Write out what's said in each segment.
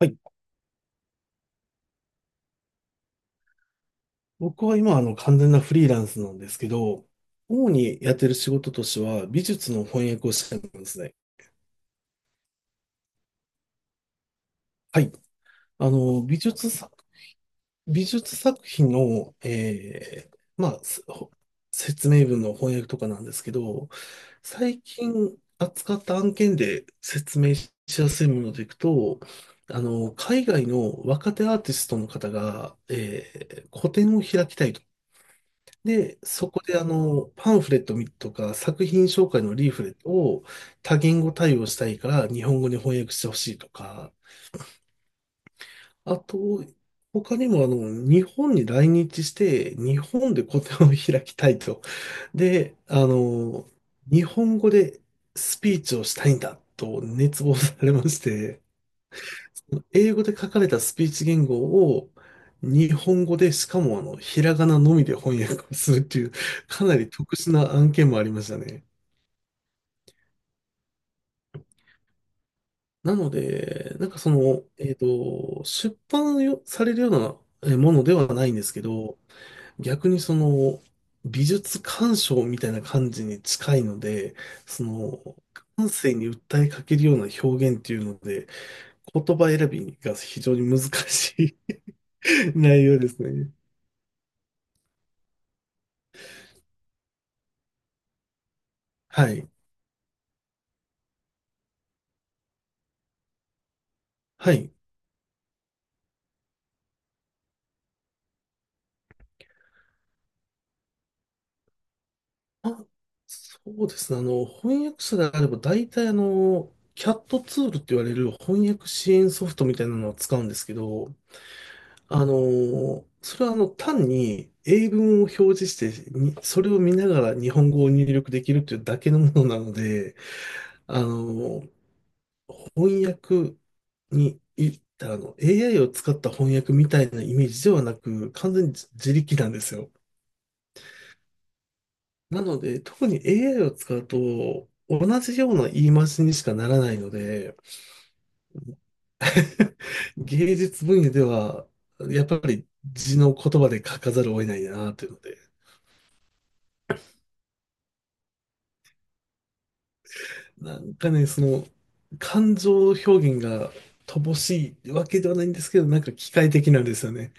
はい。僕は今、完全なフリーランスなんですけど、主にやってる仕事としては、美術の翻訳をしてるんですね。はい。あの、美術作、美術作品の、まあ、説明文の翻訳とかなんですけど、最近扱った案件で説明しやすいものでいくと、あの、海外の若手アーティストの方が、個展を開きたいと。で、そこであの、パンフレットとか作品紹介のリーフレットを多言語対応したいから日本語に翻訳してほしいとか、あと、他にもあの、日本に来日して日本で個展を開きたいと。で、あの、日本語でスピーチをしたいんだと熱望されまして、英語で書かれたスピーチ言語を日本語で、しかもあの、ひらがなのみで翻訳をするっていう、かなり特殊な案件もありましたね。なので、なんかその、出版よされるようなものではないんですけど、逆にその、美術鑑賞みたいな感じに近いので、その、感性に訴えかけるような表現っていうので、言葉選びが非常に難しい 内容ですね。はい。はい。あ、そうですね。あの、翻訳者であれば、大体あの、キャットツールって言われる翻訳支援ソフトみたいなのを使うんですけど、あの、それはあの、単に英文を表示して、それを見ながら日本語を入力できるというだけのものなので、あの、翻訳に、い、あの、AI を使った翻訳みたいなイメージではなく、完全に自力なんですよ。なので、特に AI を使うと、同じような言い回しにしかならないので、芸術分野では、やっぱり字の言葉で書かざるを得ないなというので、なんかね、その、感情表現が乏しいわけではないんですけど、なんか機械的なんですよね。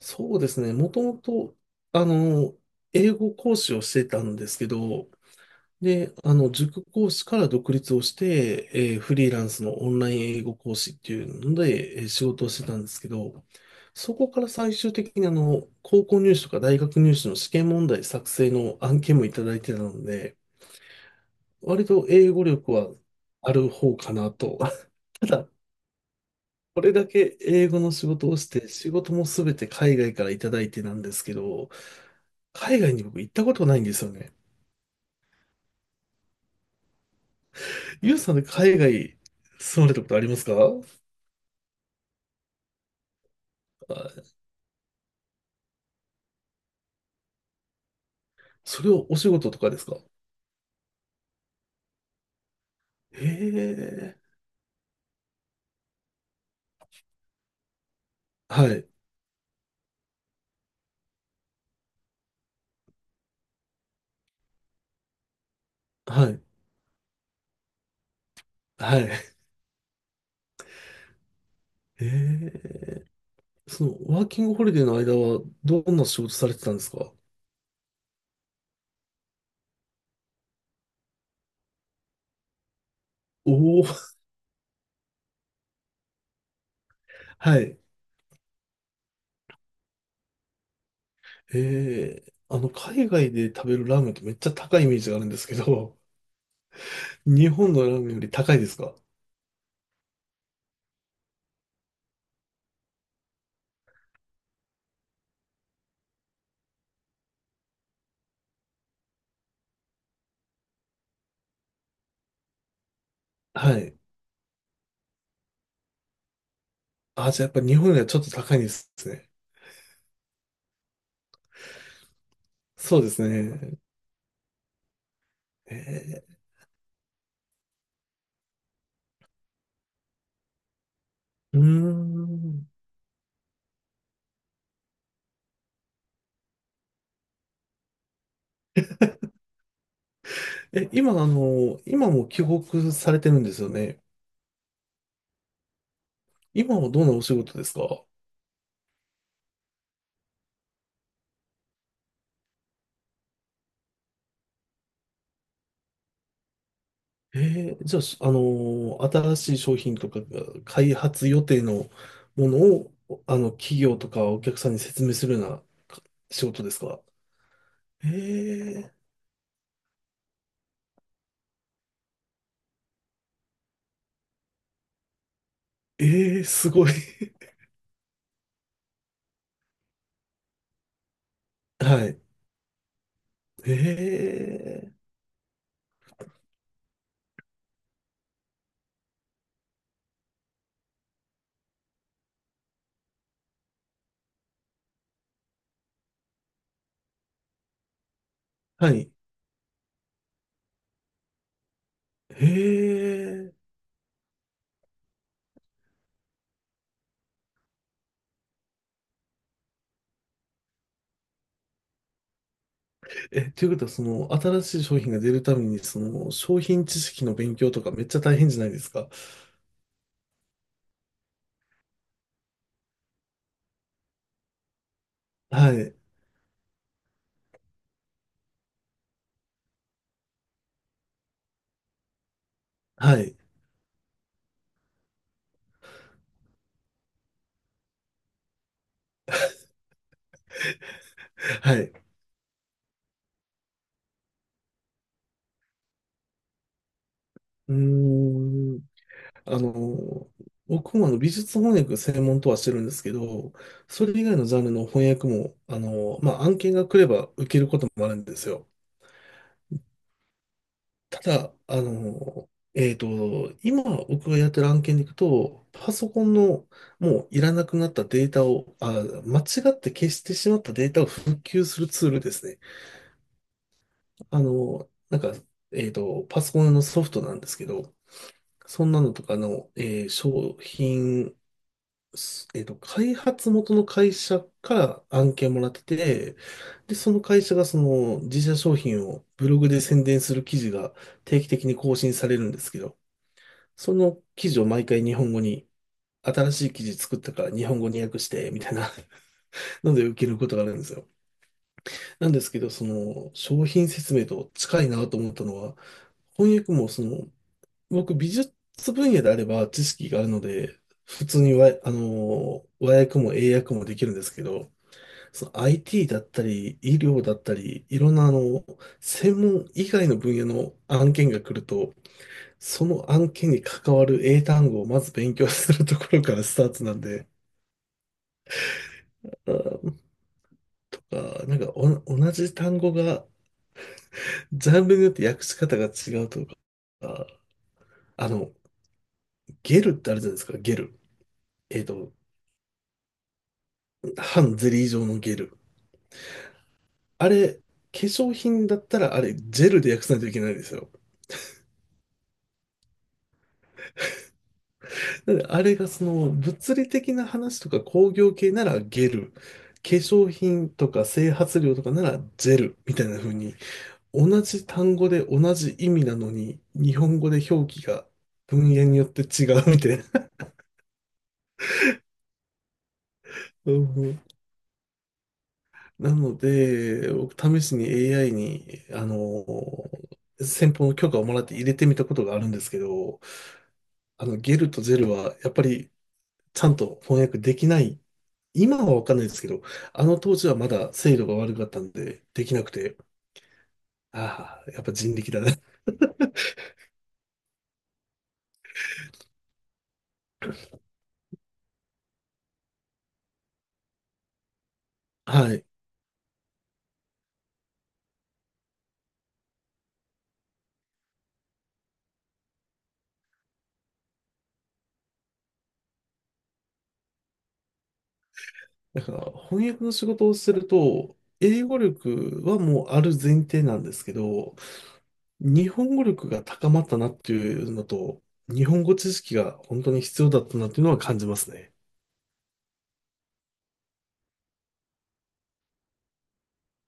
そうですね、もともと、あの、英語講師をしてたんですけど、で、あの、塾講師から独立をして、フリーランスのオンライン英語講師っていうので、仕事をしてたんですけど、そこから最終的にあの、高校入試とか大学入試の試験問題作成の案件もいただいてたので、割と英語力はある方かなと。ただ、これだけ英語の仕事をして、仕事もすべて海外からいただいてなんですけど、海外に僕行ったことないんですよね。ゆうさんで海外住まれたことありますか？それをお仕事とかですか？へえ。はい。はい。はい。へえ。その、ワーキングホリデーの間は、どんな仕事されてたんですか？おおー、はい。へえ。あの、海外で食べるラーメンってめっちゃ高いイメージがあるんですけど、日本のラーメンより高いですか？はい。あ、じゃあやっぱ日本よりはちょっと高いんですね。そうですね。えー。うーん。え、今、あの、今も帰国されてるんですよね。今はどんなお仕事ですか？えー、じゃあ、あのー新しい商品とかが開発予定のものを、あの、企業とかお客さんに説明するようなか仕事ですか？えー、えー、すごい。はい。えー、はい。えー、え、ということは、その、新しい商品が出るために、その、商品知識の勉強とかめっちゃ大変じゃないですか。はい。はい。はい。うーん。あの、僕もあの美術翻訳専門とはしてるんですけど、それ以外のジャンルの翻訳も、あの、まあ、案件が来れば受けることもあるんですよ。ただ、あの、今僕がやってる案件でいくと、パソコンのもういらなくなったデータを、間違って消してしまったデータを復旧するツールですね。あの、なんか、えっと、パソコンのソフトなんですけど、そんなのとかの、商品すえっと、開発元の会社から案件もらってて、で、その会社がその自社商品をブログで宣伝する記事が定期的に更新されるんですけど、その記事を毎回日本語に、新しい記事作ったから日本語に訳して、みたいな ので受けることがあるんですよ。なんですけど、その商品説明と近いなと思ったのは、翻訳もその、僕美術分野であれば知識があるので、普通にわ、あの、和訳も英訳もできるんですけど、その IT だったり、医療だったり、いろんなあの、専門以外の分野の案件が来ると、その案件に関わる英単語をまず勉強するところからスタートなんで、あー、なんかお同じ単語が、ジャンルによって訳し方が違うとか、ああの、ゲルってあるじゃないですか、ゲル。えっと、半ゼリー状のゲル。あれ、化粧品だったらあれ、ジェルで訳さないといけないんですよ。だからあれがその物理的な話とか工業系ならゲル、化粧品とか整髪料とかならジェルみたいな風に同じ単語で同じ意味なのに日本語で表記が文言によって違うみたいな。うん、なので、僕試しに AI に、あの、先方の許可をもらって入れてみたことがあるんですけど、あの、ゲルとジェルはやっぱりちゃんと翻訳できない、今はわかんないですけど、あの当時はまだ精度が悪かったんで、できなくて、ああ、やっぱ人力だね。はい。だから、翻訳の仕事をすると、英語力はもうある前提なんですけど、日本語力が高まったなっていうのと、日本語知識が本当に必要だったなっていうのは感じますね。